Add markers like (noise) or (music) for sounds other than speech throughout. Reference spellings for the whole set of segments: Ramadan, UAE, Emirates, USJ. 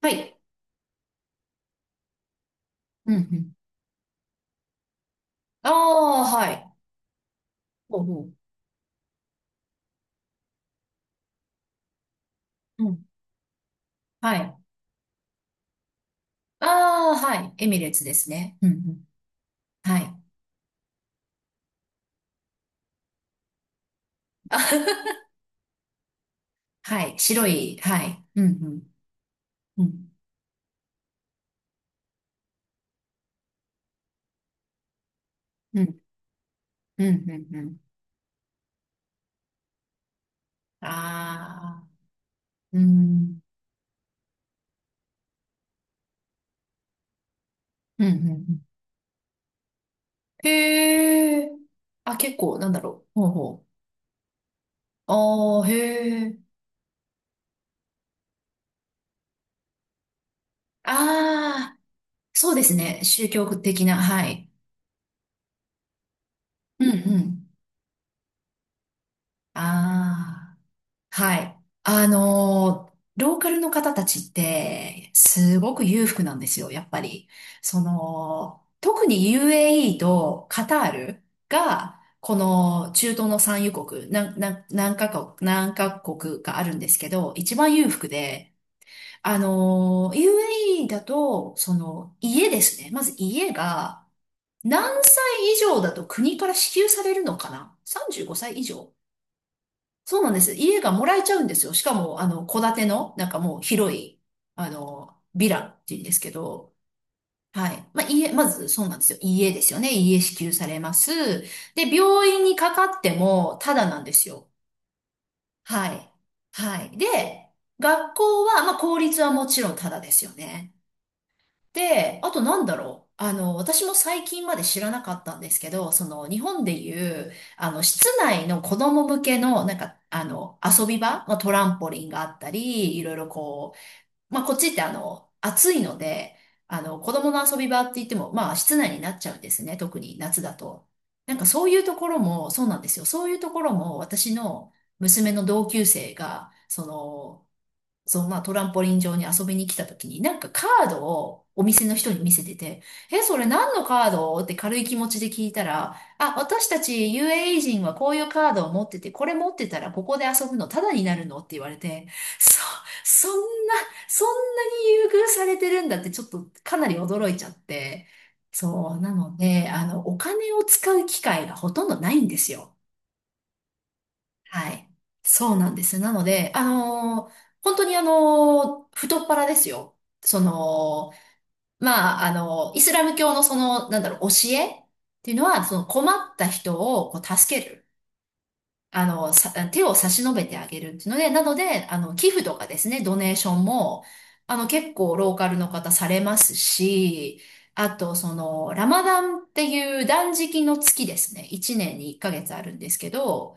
はい。うんうん。ああ、はい。ほうほう。うん。はい。ああ、はい。エミレーツですね。うんうん。はい。あ (laughs) はい。白い。はい。うんうん。うん。うん。うん。うんうん。ああ。うん。うん。うんうん。へえ。あ、結構、なんだろう。ほうほう。ああ、へえ。ああ、そうですね。宗教的な。はい。うんうん。ああ。はい。ローカルの方たちって、すごく裕福なんですよ、やっぱり。その、特に UAE とカタールが、この中東の産油国、なんなん何カ国かあるんですけど、一番裕福で、あのー UAE だと、その、家ですね。まず家が、何歳以上だと国から支給されるのかな？ 35 歳以上。そうなんです。家がもらえちゃうんですよ。しかも、戸建ての、なんかもう広い、ヴィラっていうんですけど、はい。まあ、家、まずそうなんですよ。家ですよね。家支給されます。で、病院にかかっても、ただなんですよ。はい。はい。で、学校は、まあ、公立はもちろんただですよね。で、あとなんだろう。私も最近まで知らなかったんですけど、その日本でいう、室内の子供向けの、遊び場、まあ、トランポリンがあったり、いろいろこう、まあ、こっちって暑いので、子供の遊び場って言っても、まあ、室内になっちゃうんですね。特に夏だと。なんかそういうところも、そうなんですよ。そういうところも、私の娘の同級生が、その、まあトランポリン上に遊びに来た時に、なんかカードをお店の人に見せてて、え、それ何のカードって軽い気持ちで聞いたら、あ、私たち UAE 人はこういうカードを持ってて、これ持ってたらここで遊ぶのタダになるのって言われて、そ、そんな、そんなに優遇されてるんだってちょっとかなり驚いちゃって、そう、なので、あの、お金を使う機会がほとんどないんですよ。はい。そうなんです。なので、本当に太っ腹ですよ。その、まあ、イスラム教のその、なんだろう、教えっていうのは、その困った人をこう助ける。手を差し伸べてあげるっていうので、なので、あの、寄付とかですね、ドネーションも、あの、結構ローカルの方されますし、あと、その、ラマダンっていう断食の月ですね、1年に1ヶ月あるんですけど、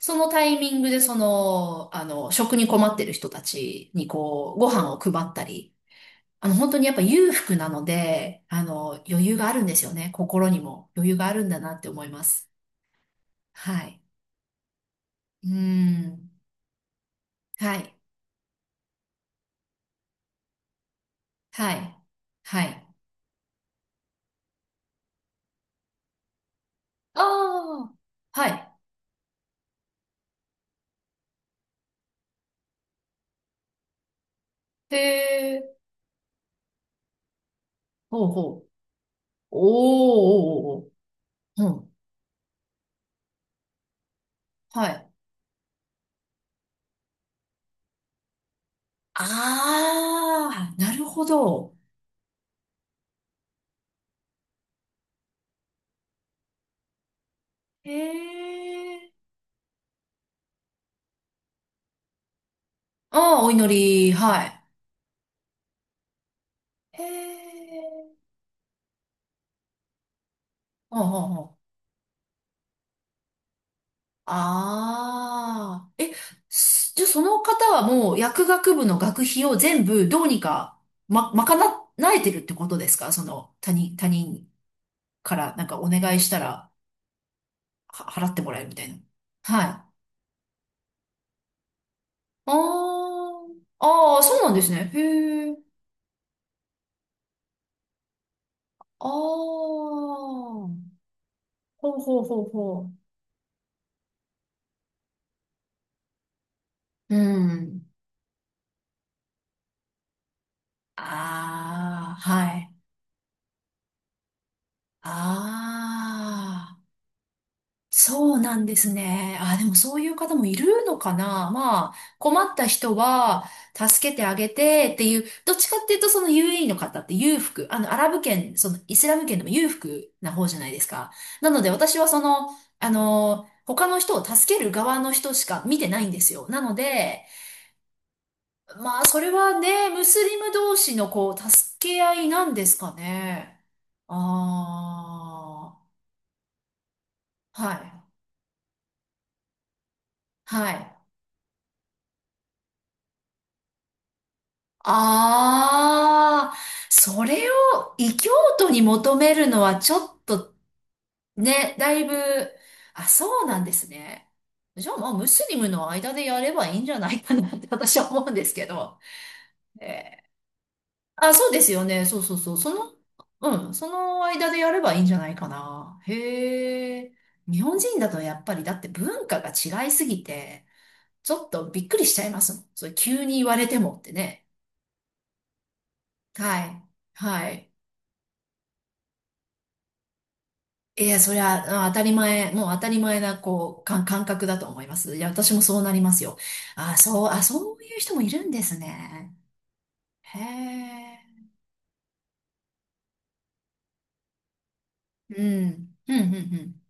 そのタイミングで、食に困ってる人たちに、こう、ご飯を配ったり、あの、本当にやっぱ裕福なので、あの、余裕があるんですよね、心にも余裕があるんだなって思います。はい。うーん。はい。はい。はい。ああ、はい。へえ、ほうほう。おーおーおーおー、うん。はい。ああ、なるほど。へえ、ああ、お祈り、はい。へえ、ほうほうほう。ああ、え、じゃあその方はもう薬学部の学費を全部どうにか、ま、賄えてるってことですか？その、他人からなんかお願いしたら。は払ってもらえるみたいな。はい。あーあー、そうなんですね。へえ。ああ。ほうほうほうほう。うん。ああ、はい。ああ。そうなんですね。あ、でもそういう方もいるのかな。まあ、困った人は助けてあげてっていう、どっちかっていうとそのUAE の方って裕福、あの、アラブ圏、そのイスラム圏でも裕福な方じゃないですか。なので私はその、あの、他の人を助ける側の人しか見てないんですよ。なので、まあ、それはね、ムスリム同士のこう、助け合いなんですかね。ああ、はい、はい。ああ、それを異教徒に求めるのはちょっとね、だいぶ、あ、そうなんですね。じゃあまあムスリムの間でやればいいんじゃないかなって私は思うんですけど。えーあ、そうですよね。そうそうそう。その、うん、その間でやればいいんじゃないかな。へえ。日本人だとやっぱりだって文化が違いすぎて、ちょっとびっくりしちゃいますもん。それ急に言われてもってね。はい。はい。いや、そりゃ、当たり前、もう当たり前な、感覚だと思います。いや、私もそうなりますよ。あ、そう、あ、そういう人もいるんですね。へえ。うん。うん、うん、うん。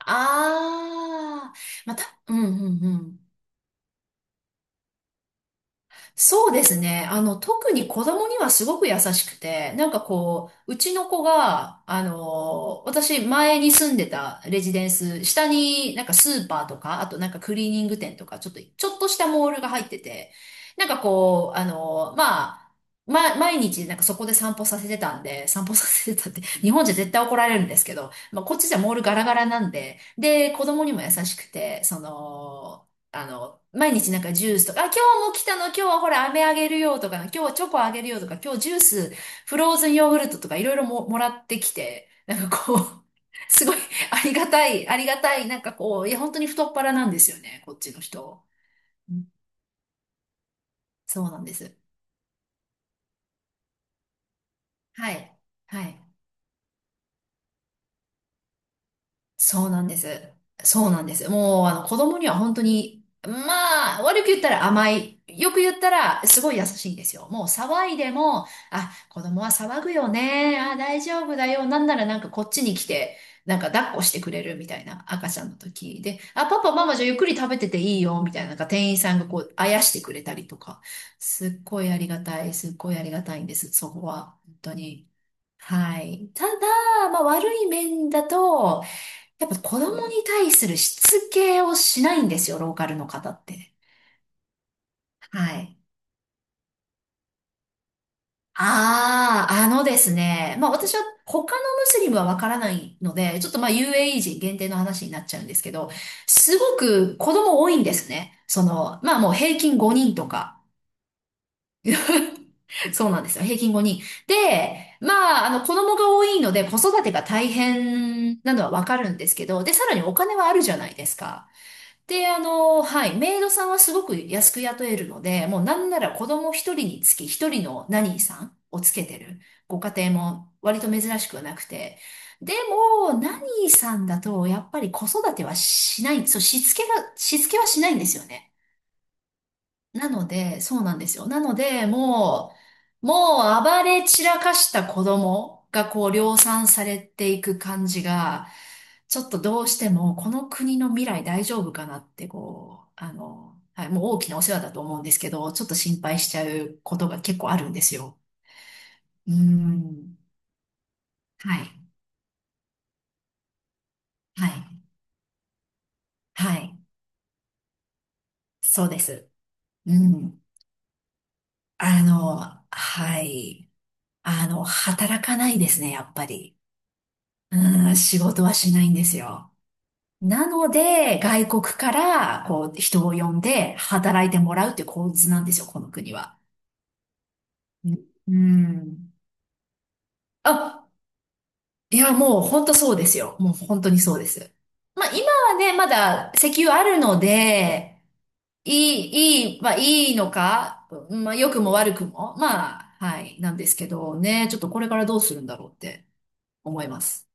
ああ、また、うん、うん、うん。そうですね。あの、特に子供にはすごく優しくて、なんかこう、うちの子が、あの、私前に住んでたレジデンス、下になんかスーパーとか、あとなんかクリーニング店とか、ちょっとしたモールが入ってて、なんかこう、毎日なんかそこで散歩させてたんで、散歩させてたって、日本じゃ絶対怒られるんですけど、まあ、こっちじゃモールガラガラなんで、で、子供にも優しくて、毎日なんかジュースとか、あ、今日も来たの、今日はほら、飴あげるよとか、今日はチョコあげるよとか、今日ジュース、フローズンヨーグルトとかいろいろも、もらってきて、なんかこう、(laughs) すごいありがたい、ありがたい、なんかこう、いや、本当に太っ腹なんですよね、こっちの人。うん、そうなんです。はい。はい。そうなんです。そうなんです。もう、あの、子供には本当に、まあ、悪く言ったら甘い。よく言ったら、すごい優しいんですよ。もう騒いでも、あ、子供は騒ぐよね。あ、大丈夫だよ。なんならなんかこっちに来て、なんか抱っこしてくれるみたいな。赤ちゃんの時で、あ、パパ、ママじゃあゆっくり食べてていいよ。みたいな、なんか店員さんがこう、あやしてくれたりとか。すっごいありがたい。すっごいありがたいんです。そこは。本当に。はい。ただ、まあ悪い面だと、やっぱ子供に対するしつけをしないんですよ、ローカルの方って。はい。ああ、あのですね。まあ私は他のムスリムはわからないので、ちょっとまあ UAE 人限定の話になっちゃうんですけど、すごく子供多いんですね。その、まあもう平均5人とか。(laughs) そうなんですよ。平均5人。で、まあ、あの、子供が多いので子育てが大変なのはわかるんですけど、で、さらにお金はあるじゃないですか。で、あの、はい、メイドさんはすごく安く雇えるので、もうなんなら子供一人につき一人のナニーさんをつけてるご家庭も割と珍しくはなくて、でも、ナニーさんだとやっぱり子育てはしない、しつけはしないんですよね。なので、そうなんですよ。なので、もう暴れ散らかした子供がこう量産されていく感じが、ちょっとどうしてもこの国の未来大丈夫かなって、こう、あの、はい、もう大きなお世話だと思うんですけど、ちょっと心配しちゃうことが結構あるんですよ。うーん。はい。はい。はい。そうです。うん。あの、はい。あの、働かないですね、やっぱり。うん、仕事はしないんですよ。なので、外国から、こう、人を呼んで働いてもらうっていう構図なんですよ、この国は。うん。うん、あ、いや、もう本当そうですよ。もう本当にそうです。まあ、今はね、まだ石油あるので、いいいのか、まあ、良くも悪くも、まあ、はい、なんですけどね、ちょっとこれからどうするんだろうって思います。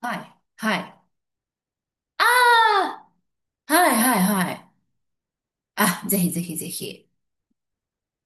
はい、はい。ああ、はい、はい、はい。あ、ぜひぜひぜひ。